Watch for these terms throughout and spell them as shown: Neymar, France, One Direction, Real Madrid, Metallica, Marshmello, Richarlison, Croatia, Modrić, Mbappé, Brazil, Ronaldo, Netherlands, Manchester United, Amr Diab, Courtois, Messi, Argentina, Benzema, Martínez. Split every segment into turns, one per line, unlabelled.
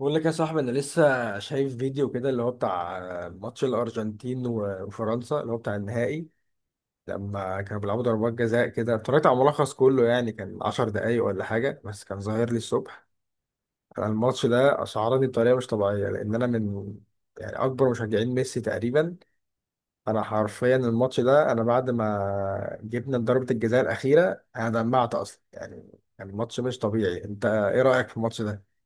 بقول لك يا صاحبي، انا لسه شايف فيديو كده اللي هو بتاع ماتش الارجنتين و- وفرنسا اللي هو بتاع النهائي. لما كانوا بيلعبوا ضربات جزاء كده، اتفرجت على ملخص كله، يعني كان 10 دقايق ولا حاجه، بس كان ظاهر لي الصبح. انا الماتش ده اشعرني بطريقه مش طبيعيه، لان انا من يعني اكبر مشجعين ميسي تقريبا. انا حرفيا الماتش ده، انا بعد ما جبنا ضربه الجزاء الاخيره انا دمعت اصلا، يعني كان الماتش مش طبيعي. انت ايه رايك في الماتش ده؟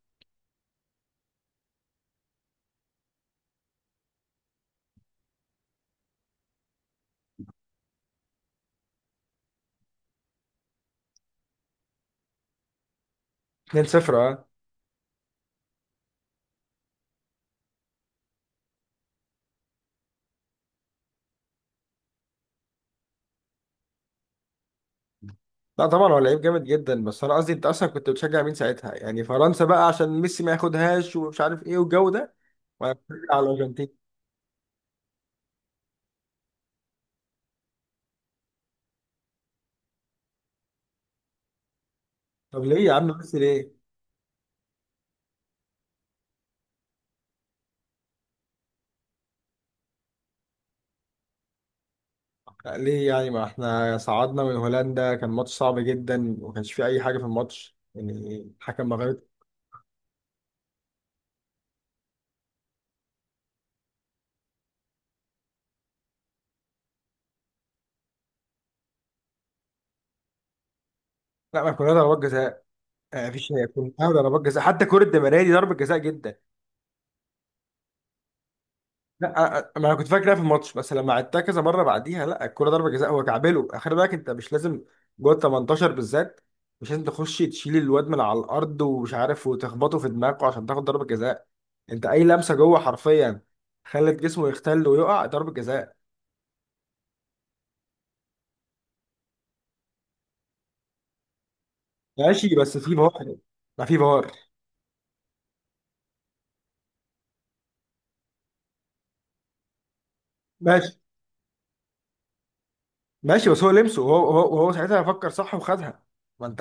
2-0، اه. لا طبعا هو لعيب جامد جدا، بس انا قصدي انت اصلا كنت بتشجع مين ساعتها؟ يعني فرنسا بقى عشان ميسي ما ياخدهاش ومش عارف ايه والجو ده، وانا بشجع على الارجنتين. طب ليه يا عم؟ ميسي ليه؟ ليه يعني؟ ما احنا صعدنا من هولندا، كان ماتش صعب جدا، وما كانش فيه اي حاجه في الماتش يعني الحكم ما غلط. لا ما كنا ضربات جزاء. ما فيش، هي كنا ضربات جزاء حتى كره. دي ضربه جزاء جدا. لا ما انا كنت فاكر ده في الماتش، بس لما عدتها كذا مره بعديها، لا الكوره ضربه جزاء، هو كعبله. خلي بالك انت مش لازم جوه ال 18 بالذات، مش لازم تخش تشيل الواد من على الارض ومش عارف وتخبطه في دماغه عشان تاخد ضربه جزاء. انت اي لمسه جوه حرفيا خلت جسمه يختل ويقع ضربه جزاء. ماشي، بس في فار، ما في فار. ماشي ماشي، بس هو لمسه، وهو هو هو ساعتها فكر صح وخدها. ما انت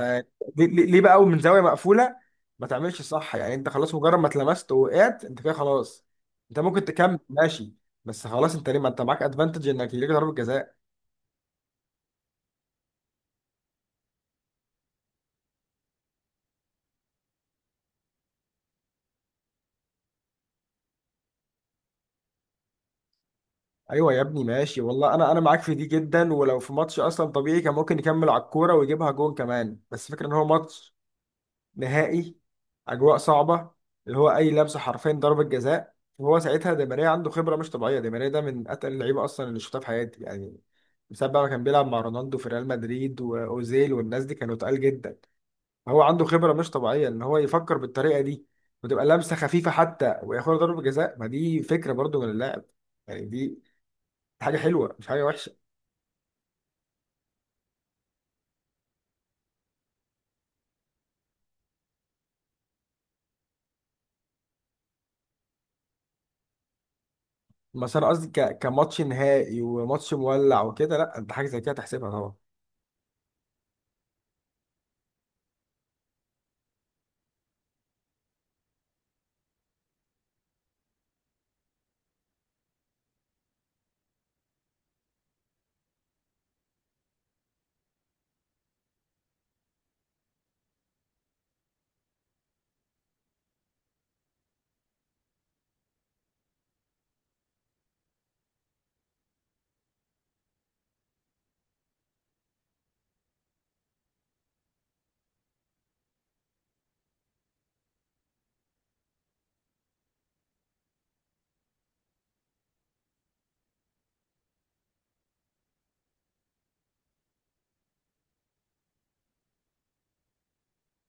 ليه بقى من زاويه مقفوله ما تعملش صح؟ يعني انت خلاص، مجرد ما اتلمست ووقعت انت كده خلاص. انت ممكن تكمل ماشي، بس خلاص انت ليه؟ ما انت معاك ادفانتج انك ليك ضربه جزاء. ايوه يا ابني، ماشي والله، انا معاك في دي جدا. ولو في ماتش اصلا طبيعي كان ممكن يكمل على الكوره ويجيبها جون كمان، بس فكرة ان هو ماتش نهائي، اجواء صعبه، اللي هو اي لمسه حرفيا ضربه جزاء. وهو ساعتها دي ماريا عنده خبره مش طبيعيه. دي ماريا ده من اتقل اللعيبه اصلا اللي شفتها في حياتي يعني، بسبب بقى ما كان بيلعب مع رونالدو في ريال مدريد، واوزيل والناس دي كانوا تقال جدا. هو عنده خبره مش طبيعيه ان هو يفكر بالطريقه دي، وتبقى لمسه خفيفه حتى وياخد ضربه جزاء. ما دي فكره برضو من اللاعب، يعني دي حاجه حلوه، مش حاجه وحشه. بس انا قصدي كماتش نهائي وماتش مولع وكده، لا انت حاجه زي كده تحسبها طبعا.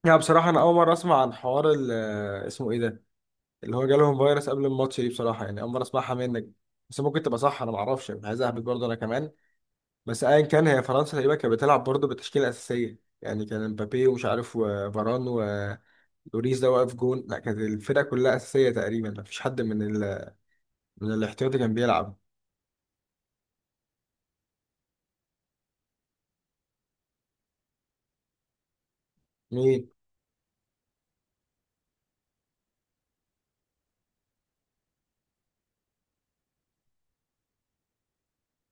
يعني بصراحة أنا أول مرة أسمع عن حوار اسمه إيه ده، اللي هو جالهم فيروس قبل الماتش دي، بصراحة يعني أول مرة أسمعها منك. بس ممكن تبقى صح، أنا معرفش، يعني عايز أهبط برضه أنا كمان. بس أيا كان، هي فرنسا تقريبا كانت بتلعب برضه بالتشكيلة الأساسية. يعني كان مبابي ومش عارف وفاران ولوريس ده واقف جون. لا كانت الفرقة كلها أساسية تقريبا، مفيش حد من من الاحتياطي كان بيلعب. مين؟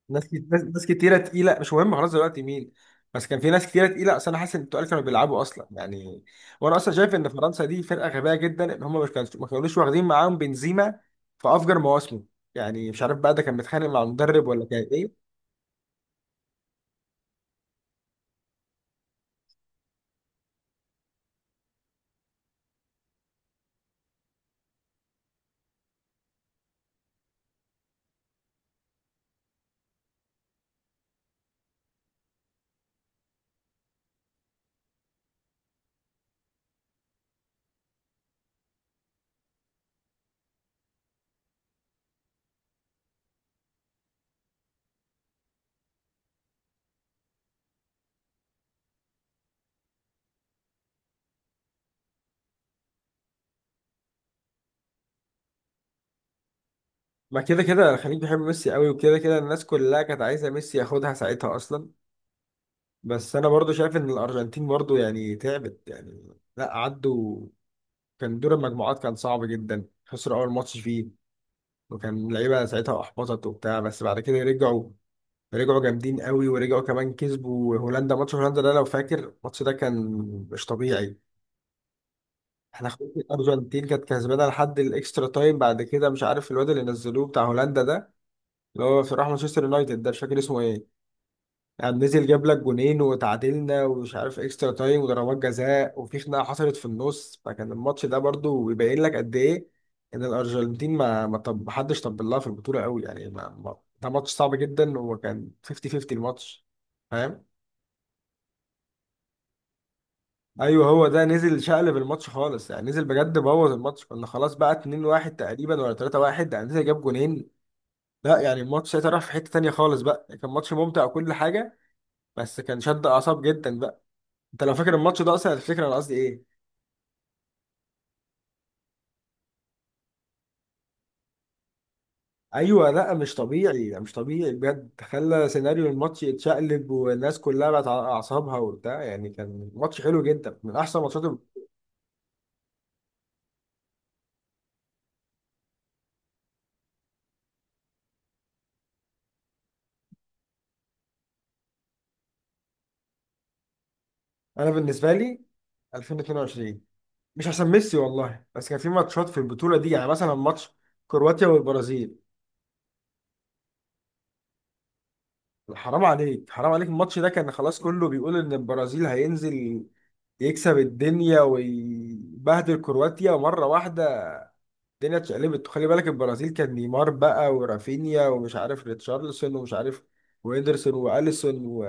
ناس كت- ناس ناس كتيرة تقيلة. مش مهم خلاص دلوقتي مين، بس كان في ناس كتيرة تقيلة. أصل أنا حاسس إن التقال كانوا بيلعبوا أصلا يعني. وأنا أصلا شايف إن فرنسا دي فرقة غبية جدا، إن هم مش كانوا ما كانوش واخدين معاهم بنزيما في أفجر مواسمه. يعني مش عارف بقى ده كان متخانق مع المدرب ولا كان إيه. ما كده كده الخليج بيحب ميسي قوي، وكده كده الناس كلها كانت عايزة ميسي ياخدها ساعتها أصلا. بس أنا برضو شايف إن الأرجنتين برضو يعني تعبت. يعني لا، عدوا، كان دور المجموعات كان صعب جدا، خسروا أول ماتش فيه، وكان اللعيبه ساعتها احبطت وبتاع. بس بعد كده رجعوا، رجعوا جامدين قوي، ورجعوا كمان كسبوا هولندا. ماتش هولندا ده لو فاكر الماتش ده كان مش طبيعي. احنا خدنا الارجنتين كانت كسبانه لحد الاكسترا تايم، بعد كده مش عارف الواد اللي نزلوه بتاع هولندا ده، اللي هو في راح مانشستر يونايتد ده مش فاكر اسمه ايه، يعني نزل جاب لك جونين وتعادلنا، ومش عارف اكسترا تايم وضربات جزاء وفي خناقه حصلت في النص. فكان الماتش ده برضو يبين لك قد ايه ان الارجنتين ما حدش طبل لها في البطوله قوي. يعني ما ما ده ماتش صعب جدا، وكان 50-50 الماتش، فاهم؟ ايوه هو ده نزل شقلب الماتش خالص. يعني نزل بجد بوظ الماتش، كنا خلاص بقى 2-1 تقريبا ولا 3-1. يعني نزل جاب جونين، لا يعني الماتش ساعتها راح في حته تانيه خالص بقى. كان ماتش ممتع وكل حاجه، بس كان شد اعصاب جدا بقى. انت لو فاكر الماتش ده اصلا هتفتكر انا قصدي ايه. ايوه، لا مش طبيعي، لا مش طبيعي بجد. خلى سيناريو الماتش يتشقلب، والناس كلها بقت على اعصابها وبتاع. يعني كان ماتش حلو جدا، من احسن ماتشات. انا بالنسبه لي 2022، مش عشان ميسي والله، بس كان في ماتشات في البطوله دي. يعني مثلا ماتش كرواتيا والبرازيل. حرام عليك حرام عليك، الماتش ده كان خلاص كله بيقول ان البرازيل هينزل يكسب الدنيا ويبهدل كرواتيا مرة واحدة. الدنيا اتشقلبت، وخلي بالك البرازيل كان نيمار بقى ورافينيا ومش عارف ريتشارلسون ومش عارف وإيدرسون وأليسون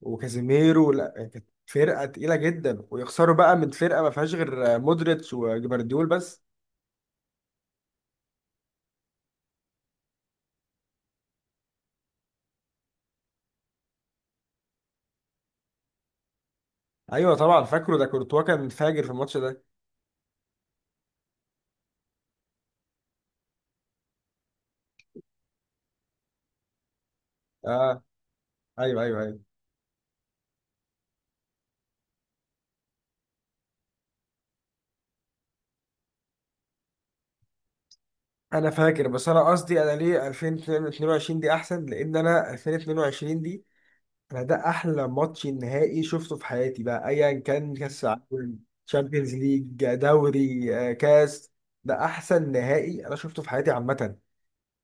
وكازيميرو. لا كانت فرقة تقيلة جدا، ويخسروا بقى من فرقة ما فيهاش غير مودريتش وجبارديول بس. ايوه طبعا فاكره، ده كورتوا كان فاجر في الماتش ده. اه، ايوه ايوه ايوه. انا فاكر، بس انا قصدي انا ليه 2022 دي احسن، لان انا 2022 دي انا ده احلى ماتش نهائي شفته في حياتي بقى، ايا كان كاس العالم، تشامبيونز ليج، دوري، كاس. ده احسن نهائي انا شفته في حياتي عامه،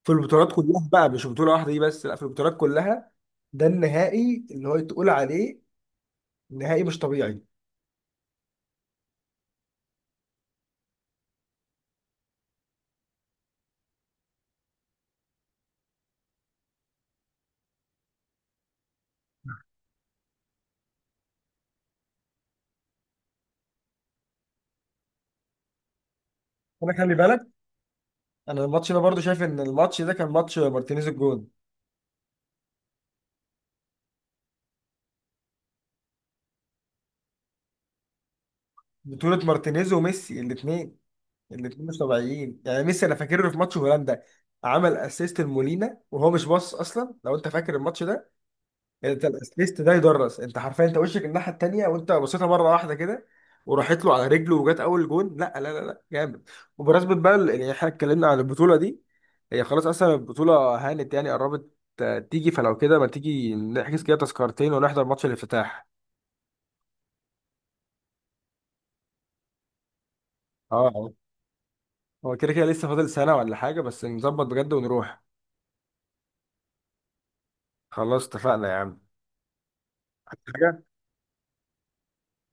في البطولات كلها بقى، مش بطوله واحده دي بس، لا في البطولات كلها. ده النهائي اللي هو تقول عليه نهائي مش طبيعي. انا خلي بالك، انا الماتش ده برضو شايف ان الماتش ده كان ماتش مارتينيز الجون. بطوله مارتينيز وميسي الاثنين، الاثنين مش طبيعيين. يعني ميسي انا فاكر له في ماتش هولندا عمل اسيست لمولينا وهو مش باص اصلا، لو انت فاكر الماتش ده. انت الاسيست ده يدرس، انت حرفيا انت وشك الناحيه التانيه، وانت بصيتها مره واحده كده وراحت له على رجله وجت اول جون. لا لا لا لا، جامد. وبمناسبه بقى يعني احنا اتكلمنا عن البطوله دي، هي خلاص اصلا البطوله هانت يعني قربت. تيجي فلو كده، ما تيجي نحجز كده تذكرتين ونحضر ماتش الافتتاح. اه. آه. هو كده كده لسه فاضل سنه ولا حاجه، بس نظبط بجد ونروح. خلاص اتفقنا يا عم.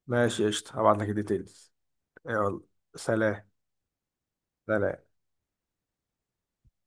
ماشي قشطة، هبعت لك الديتيلز. يلا، سلام. سلام.